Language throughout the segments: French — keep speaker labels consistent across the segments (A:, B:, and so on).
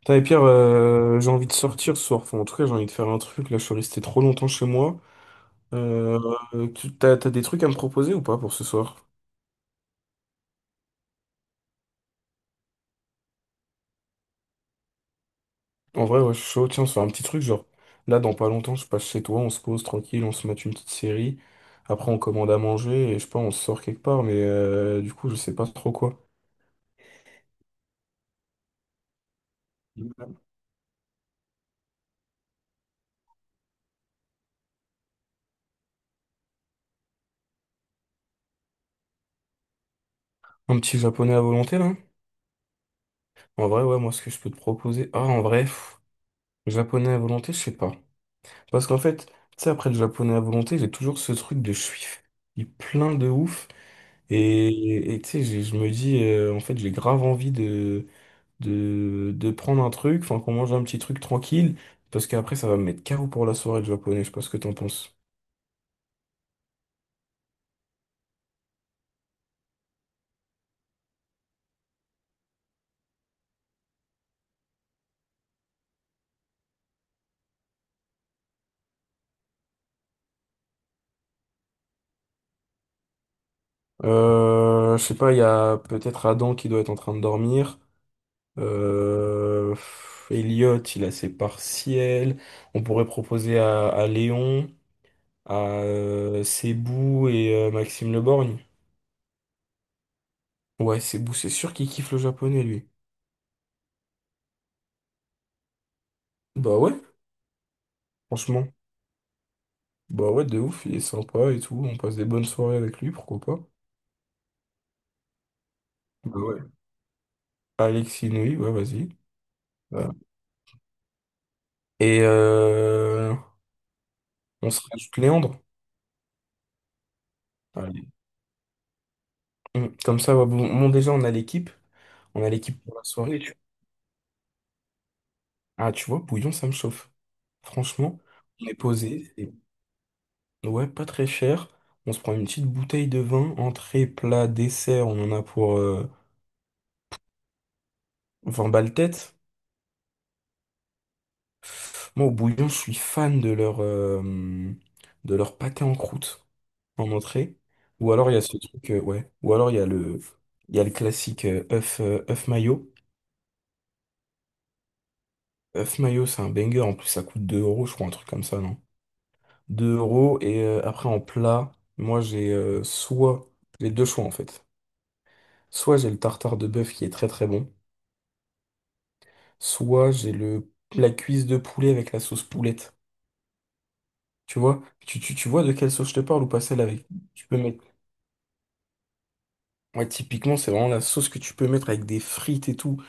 A: Putain, et Pierre, j'ai envie de sortir ce soir. Enfin, en tout cas, j'ai envie de faire un truc. Là, je suis resté trop longtemps chez moi. Euh, t'as des trucs à me proposer ou pas pour ce soir? En vrai, ouais, je suis chaud. Tiens, on se fait un petit truc, genre, là, dans pas longtemps, je passe chez toi, on se pose tranquille, on se met une petite série. Après, on commande à manger et je sais pas, on se sort quelque part, mais du coup, je sais pas trop quoi. Un petit japonais à volonté, là? En vrai, ouais, moi, ce que je peux te proposer. Ah, en vrai, pff, japonais à volonté, je sais pas. Parce qu'en fait, tu sais, après le japonais à volonté, j'ai toujours ce truc de je suis plein de ouf. Et tu sais, je me dis, en fait, j'ai grave envie de prendre un truc, enfin, qu'on mange un petit truc tranquille, parce qu'après, ça va me mettre carreau pour la soirée de japonais, je sais pas ce que t'en penses. Je sais pas, il y a peut-être Adam qui doit être en train de dormir. Elliot, il a ses partiels. On pourrait proposer à Léon, à Sebou et Maxime Leborgne. Ouais, c'est sûr qu'il kiffe le japonais, lui. Bah ouais, franchement. Bah ouais, de ouf, il est sympa et tout. On passe des bonnes soirées avec lui, pourquoi pas. Bah ouais. Alexis Noé, ouais, vas-y. Ouais. Et on se rajoute Léandre. Allez. Mm, comme ça, ouais, bon, déjà, on a l'équipe. On a l'équipe pour la soirée. Ah, tu vois, bouillon, ça me chauffe. Franchement, on est posé. Ouais, pas très cher. On se prend une petite bouteille de vin, entrée, plat, dessert. On en a pour 20 balles tête. Moi, au bouillon, je suis fan de leur pâté en croûte en entrée. Ou alors, il y a ce truc, ouais. Ou alors, il y a le classique œuf mayo. Œuf mayo, c'est un banger. En plus, ça coûte 2 euros, je crois, un truc comme ça, non? 2 euros. Et après, en plat, moi, j'ai soit les deux choix, en fait. Soit j'ai le tartare de bœuf qui est très très bon. Soit j'ai le, la cuisse de poulet avec la sauce poulette. Tu vois? Tu vois de quelle sauce je te parle ou pas celle avec? Tu peux mettre Ouais, typiquement, c'est vraiment la sauce que tu peux mettre avec des frites et tout.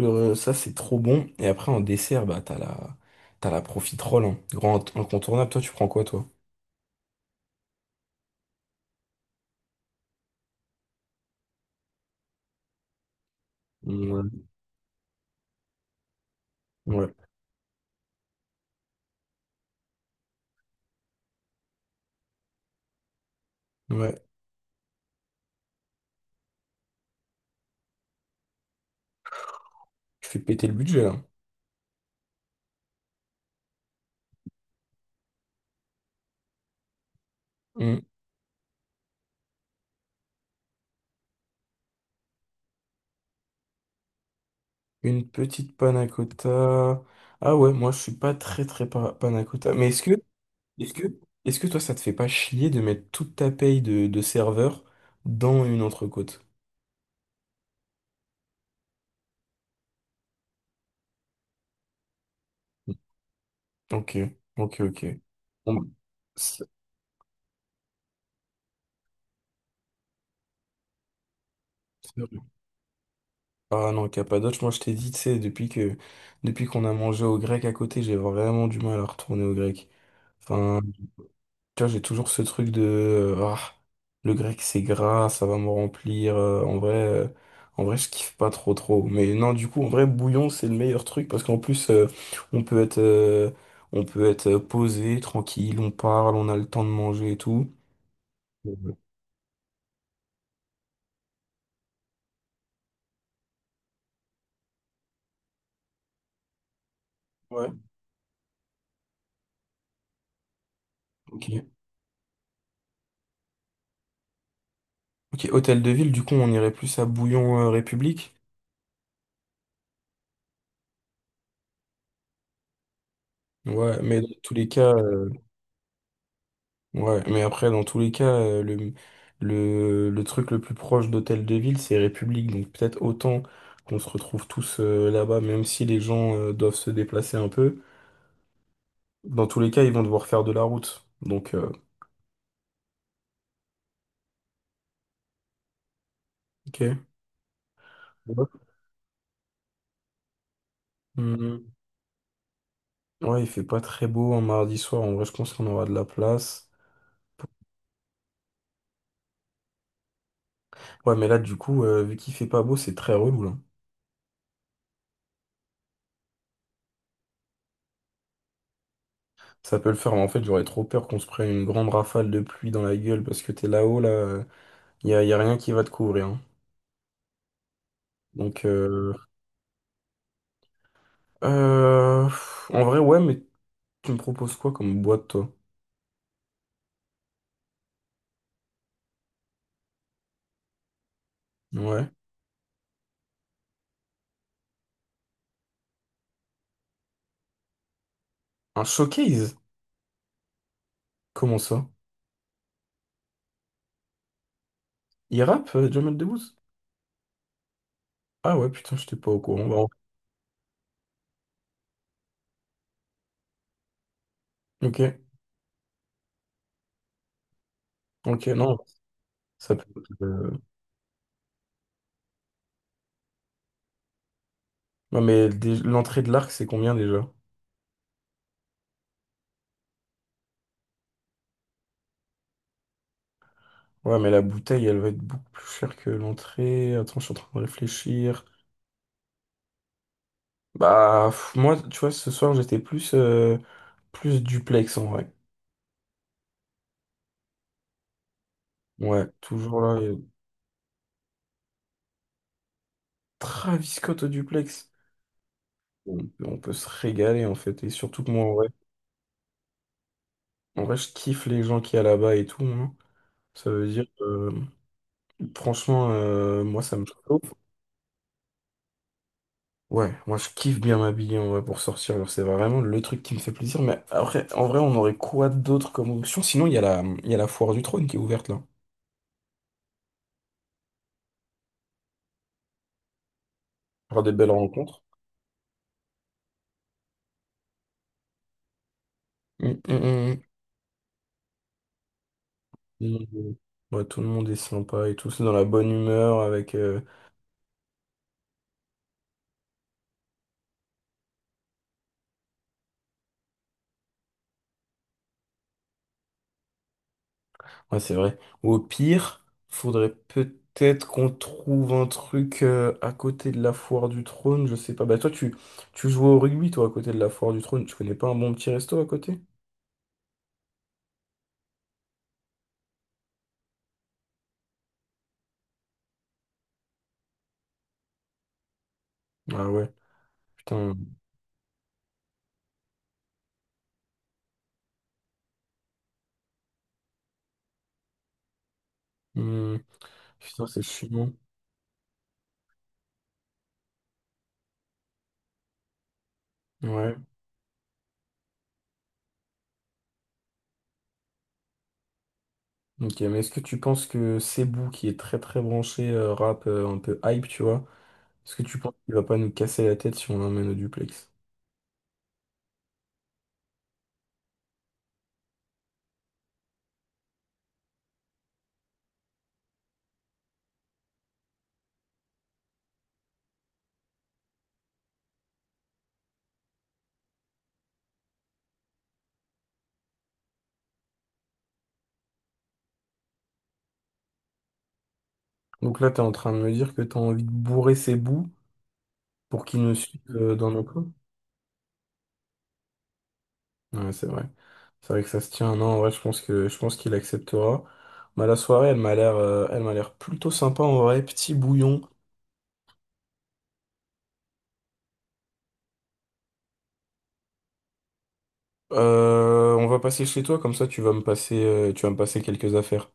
A: Ça, c'est trop bon. Et après, en dessert, bah, t'as la profiterole, hein. Grand incontournable. Toi, tu prends quoi, toi? Ouais. Ouais, ouais. Tu fais péter le budget, là. Mm. Une petite panna cotta. Ah ouais, moi, je suis pas très, panna cotta. Mais est-ce que, est-ce que toi, ça te fait pas chier de mettre toute ta paye de serveur dans une entrecôte? Ok, ok. Bon, bah, c'est- Ah non, Cappadoce, moi je t'ai dit, tu sais, depuis qu'on a mangé au grec à côté, j'ai vraiment du mal à retourner au grec. Enfin, tu vois, j'ai toujours ce truc de ah, le grec c'est gras, ça va me remplir. En vrai, je kiffe pas trop trop. Mais non, du coup, en vrai, bouillon, c'est le meilleur truc parce qu'en plus, on peut être posé, tranquille, on parle, on a le temps de manger et tout. Mhm. Ouais, ok. Ok, hôtel de ville, du coup, on irait plus à Bouillon République. Ouais, mais dans tous les cas. Ouais, mais après, dans tous les cas, le truc le plus proche d'Hôtel de Ville, c'est République. Donc peut-être autant qu'on se retrouve tous là-bas, même si les gens doivent se déplacer un peu. Dans tous les cas, ils vont devoir faire de la route. Donc, ok. Ouais. Mhm. Ouais, il fait pas très beau un mardi soir. En vrai, je pense qu'on aura de la place. Ouais, mais là, du coup, vu qu'il fait pas beau, c'est très relou, là. Ça peut le faire, mais en fait, j'aurais trop peur qu'on se prenne une grande rafale de pluie dans la gueule parce que t'es là-haut, là. Y a rien qui va te couvrir, hein. Donc, Euh, en vrai, ouais, mais tu me proposes quoi comme boîte, toi? Ouais. Un showcase? Comment ça? Il rappe, Jamel Debbouze? Ah ouais, putain, j'étais pas au courant. Bah, ok, ok, non, ça peut être, Non, mais l'entrée de l'arc, c'est combien déjà? Ouais, mais la bouteille, elle va être beaucoup plus chère que l'entrée. Attends, je suis en train de réfléchir. Bah, pff, moi, tu vois, ce soir, plus duplex, en vrai. Ouais, toujours là. Travis Scott au duplex. On peut se régaler en fait. Et surtout que moi, en vrai, je kiffe les gens qui y a là-bas et tout, hein. Ça veut dire, franchement, moi, ça me chauffe. Ouais, moi, je kiffe bien m'habiller en vrai pour sortir. Genre, c'est vraiment le truc qui me fait plaisir. Mais après, en vrai, on aurait quoi d'autre comme option? Sinon, il y a la foire du trône qui est ouverte là. Il des belles rencontres. Mm, mm, mm. Mm. Ouais, tout le monde est sympa et tout. C'est dans la bonne humeur avec. Ouais, c'est vrai. Ou au pire, faudrait peut-être qu'on trouve un truc à côté de la foire du trône, je sais pas. Bah tu joues au rugby, toi, à côté de la foire du trône. Tu connais pas un bon petit resto à côté? Ah ouais, putain. Hmm, putain, c'est chiant. Ouais. Ok, mais est-ce que tu penses que Cebu, qui est très très branché rap, un peu hype, tu vois, est-ce que tu penses qu'il va pas nous casser la tête si on l'emmène au duplex? Donc là, t'es en train de me dire que t'as envie de bourrer Cebu pour qu'il nous suive dans nos plans. Ouais, c'est vrai. C'est vrai que ça se tient. Non, ouais, je pense qu'il acceptera. Bah, la soirée, elle m'a l'air plutôt sympa en vrai, petit bouillon. On va passer chez toi, comme ça tu vas me passer quelques affaires.